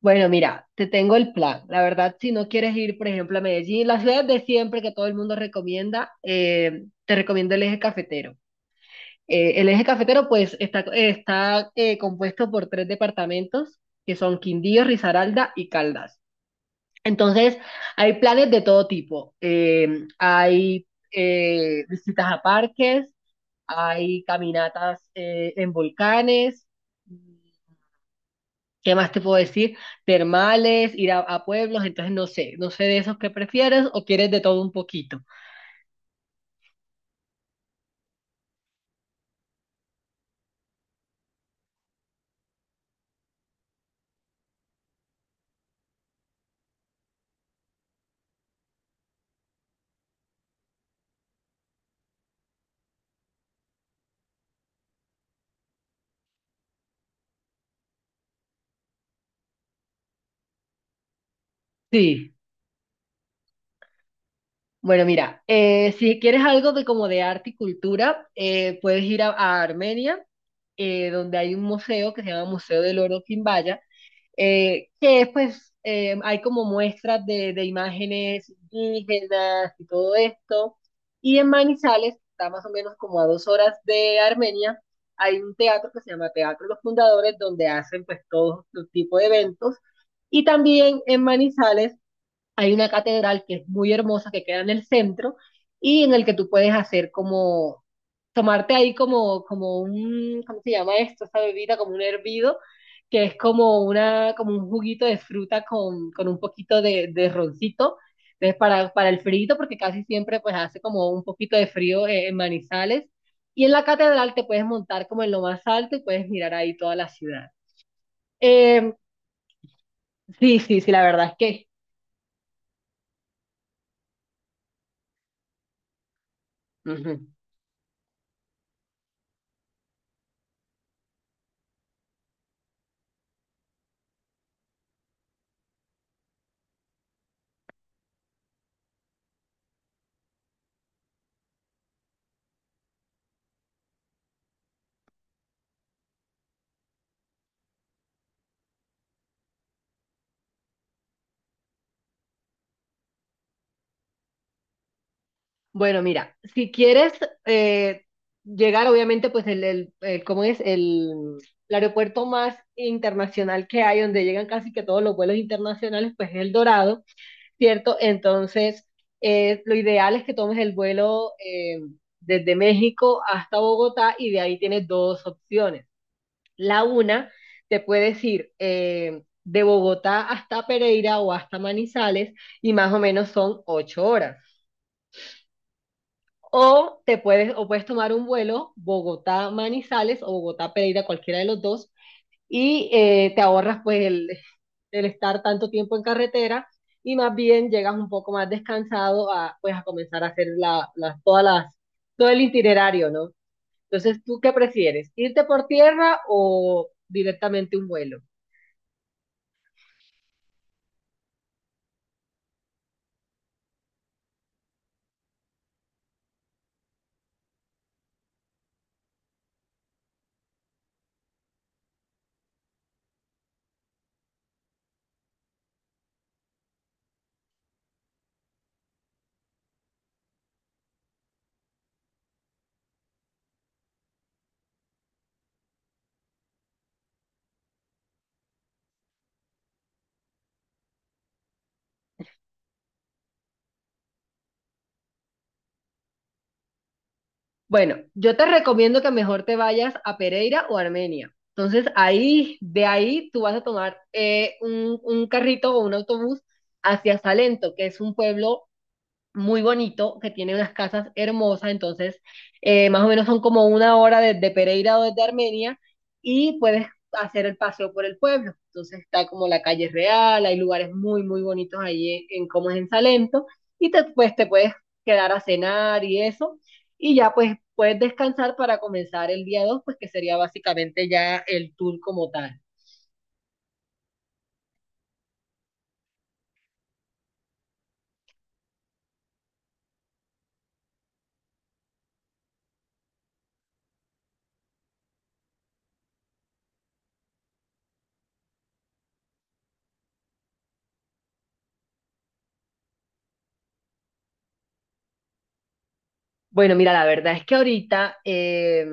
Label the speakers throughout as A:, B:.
A: Bueno, mira, te tengo el plan. La verdad, si no quieres ir, por ejemplo, a Medellín, las ciudades de siempre que todo el mundo recomienda, te recomiendo el eje cafetero. El eje cafetero, pues, está compuesto por tres departamentos, que son Quindío, Risaralda y Caldas. Entonces, hay planes de todo tipo. Hay visitas a parques, hay caminatas en volcanes. ¿Qué más te puedo decir? Termales, ir a pueblos, entonces no sé de esos que prefieres o quieres de todo un poquito. Sí, bueno, mira, si quieres algo de como de arte y cultura, puedes ir a Armenia, donde hay un museo que se llama Museo del Oro Quimbaya, que es, pues hay como muestras de imágenes indígenas y todo esto. Y en Manizales, que está más o menos como a 2 horas de Armenia, hay un teatro que se llama Teatro Los Fundadores, donde hacen pues todo este tipo de eventos. Y también en Manizales hay una catedral que es muy hermosa, que queda en el centro, y en el que tú puedes hacer como tomarte ahí como, como un, ¿cómo se llama esto? Esta bebida, como un hervido, que es como una, como un juguito de fruta con un poquito de roncito. Entonces, para el frío, porque casi siempre pues hace como un poquito de frío en Manizales. Y en la catedral te puedes montar como en lo más alto y puedes mirar ahí toda la ciudad. Eh, sí, sí, sí, la verdad es que... Ujú. Bueno, mira, si quieres eh, llegar, obviamente, pues ¿cómo es? El aeropuerto más internacional que hay, donde llegan casi que todos los vuelos internacionales, pues es El Dorado, ¿cierto? Entonces, lo ideal es que tomes el vuelo desde México hasta Bogotá y de ahí tienes dos opciones. La una, te puedes ir de Bogotá hasta Pereira o hasta Manizales y más o menos son 8 horas. O te puedes, o puedes tomar un vuelo Bogotá-Manizales o Bogotá-Pereira, cualquiera de los dos, y te ahorras pues el estar tanto tiempo en carretera y más bien llegas un poco más descansado a pues a comenzar a hacer la, las, todas las, todo el itinerario, ¿no? Entonces, ¿tú qué prefieres? ¿Irte por tierra o directamente un vuelo? Bueno, yo te recomiendo que mejor te vayas a Pereira o Armenia. Entonces, de ahí tú vas a tomar un carrito o un autobús hacia Salento, que es un pueblo muy bonito, que tiene unas casas hermosas, entonces más o menos son como una hora desde Pereira o desde Armenia y puedes hacer el paseo por el pueblo. Entonces está como la calle real, hay lugares muy, muy bonitos ahí en como es en Salento y te, pues, te puedes quedar a cenar y eso y ya pues puedes descansar para comenzar el día 2 pues que sería básicamente ya el tour como tal. Bueno, mira, la verdad es que ahorita...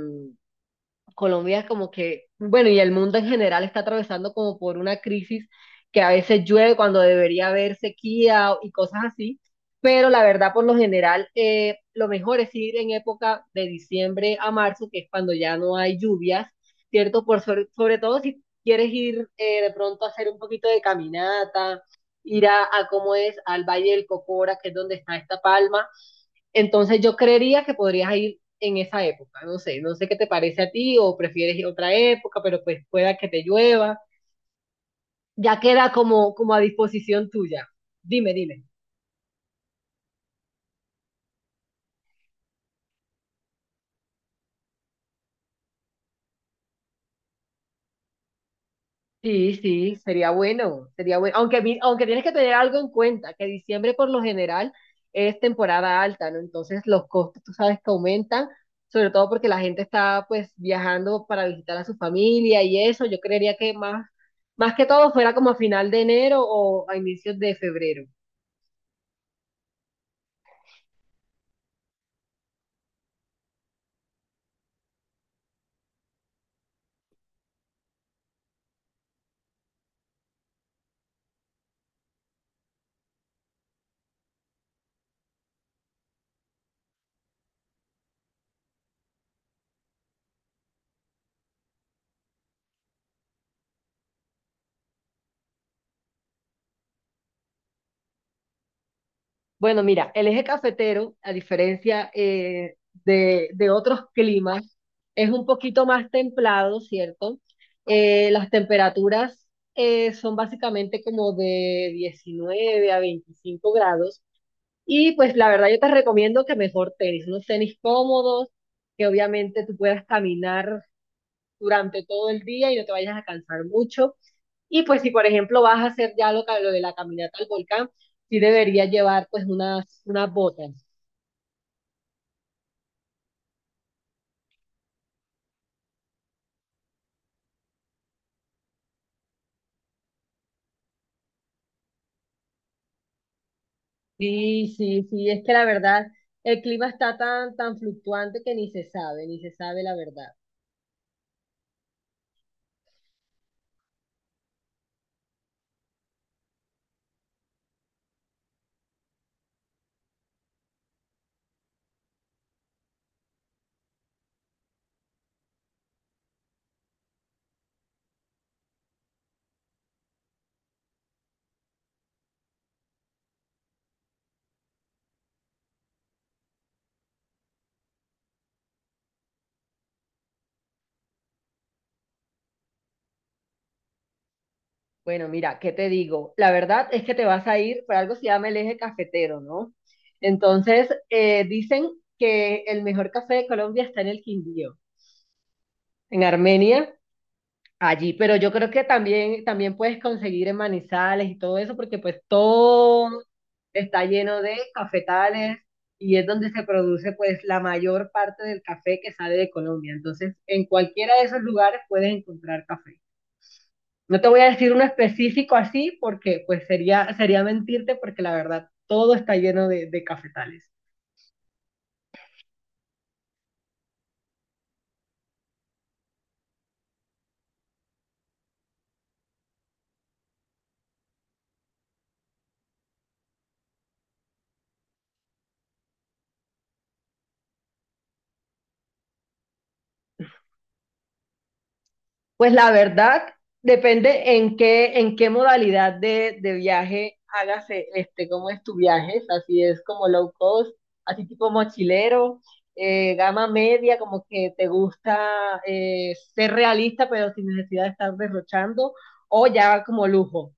A: Colombia como que, bueno, y el mundo en general está atravesando como por una crisis que a veces llueve cuando debería haber sequía y cosas así, pero la verdad por lo general lo mejor es ir en época de diciembre a marzo, que es cuando ya no hay lluvias, ¿cierto? Por sobre todo si quieres ir de pronto a hacer un poquito de caminata, ir a cómo es, al Valle del Cocora, que es donde está esta palma. Entonces yo creería que podrías ir en esa época, no sé qué te parece a ti o prefieres ir a otra época, pero pues pueda que te llueva, ya queda como, como a disposición tuya. Dime, dime. Sí, sí, sería bueno, sería bueno. Aunque, aunque tienes que tener algo en cuenta, que diciembre por lo general es temporada alta, ¿no? Entonces los costos, tú sabes que aumentan, sobre todo porque la gente está pues viajando para visitar a su familia y eso. Yo creería que más, más que todo fuera como a final de enero o a inicios de febrero. Bueno, mira, el eje cafetero, a diferencia de otros climas, es un poquito más templado, ¿cierto? Las temperaturas son básicamente como de 19 a 25 grados. Y pues la verdad yo te recomiendo que mejor tenis, unos tenis cómodos, que obviamente tú puedas caminar durante todo el día y no te vayas a cansar mucho. Y pues si por ejemplo vas a hacer ya lo de la caminata al volcán, sí deberías llevar pues unas botas. Sí, sí, sí, es que la verdad, el clima está tan, tan fluctuante que ni se sabe, ni se sabe la verdad. Bueno, mira, ¿qué te digo? La verdad es que te vas a ir, por algo se llama el eje cafetero, ¿no? Entonces, dicen que el mejor café de Colombia está en el Quindío, en Armenia, allí, pero yo creo que también, también puedes conseguir en Manizales y todo eso, porque pues todo está lleno de cafetales y es donde se produce pues la mayor parte del café que sale de Colombia. Entonces, en cualquiera de esos lugares puedes encontrar café. No te voy a decir uno específico así, porque pues sería, sería mentirte, porque la verdad todo está lleno de cafetales. Pues la verdad, depende en en qué modalidad de viaje hagas este, cómo es tu viaje, así es como low cost, así tipo mochilero, gama media, como que te gusta ser realista, pero sin necesidad de estar derrochando, o ya como lujo.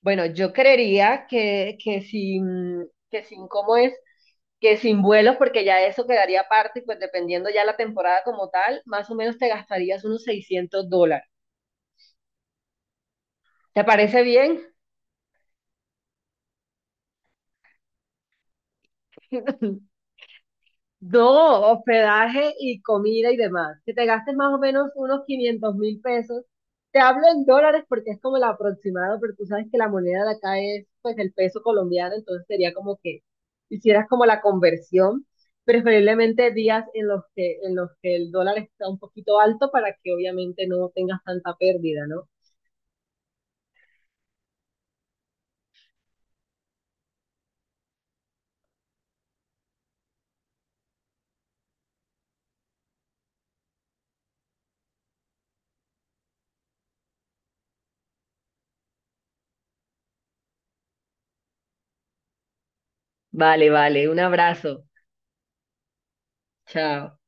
A: Bueno, yo creería que sin cómo es, que sin vuelos, porque ya eso quedaría aparte, y pues dependiendo ya la temporada como tal, más o menos te gastarías unos 600 dólares. ¿Te parece bien? No, hospedaje y comida y demás. Que te gastes más o menos unos 500.000 pesos. Te hablo en dólares porque es como el aproximado, pero tú sabes que la moneda de acá es pues el peso colombiano, entonces sería como que hicieras como la conversión, preferiblemente días en los en los que el dólar está un poquito alto para que obviamente no tengas tanta pérdida, ¿no? Vale, vale, un abrazo. Chao.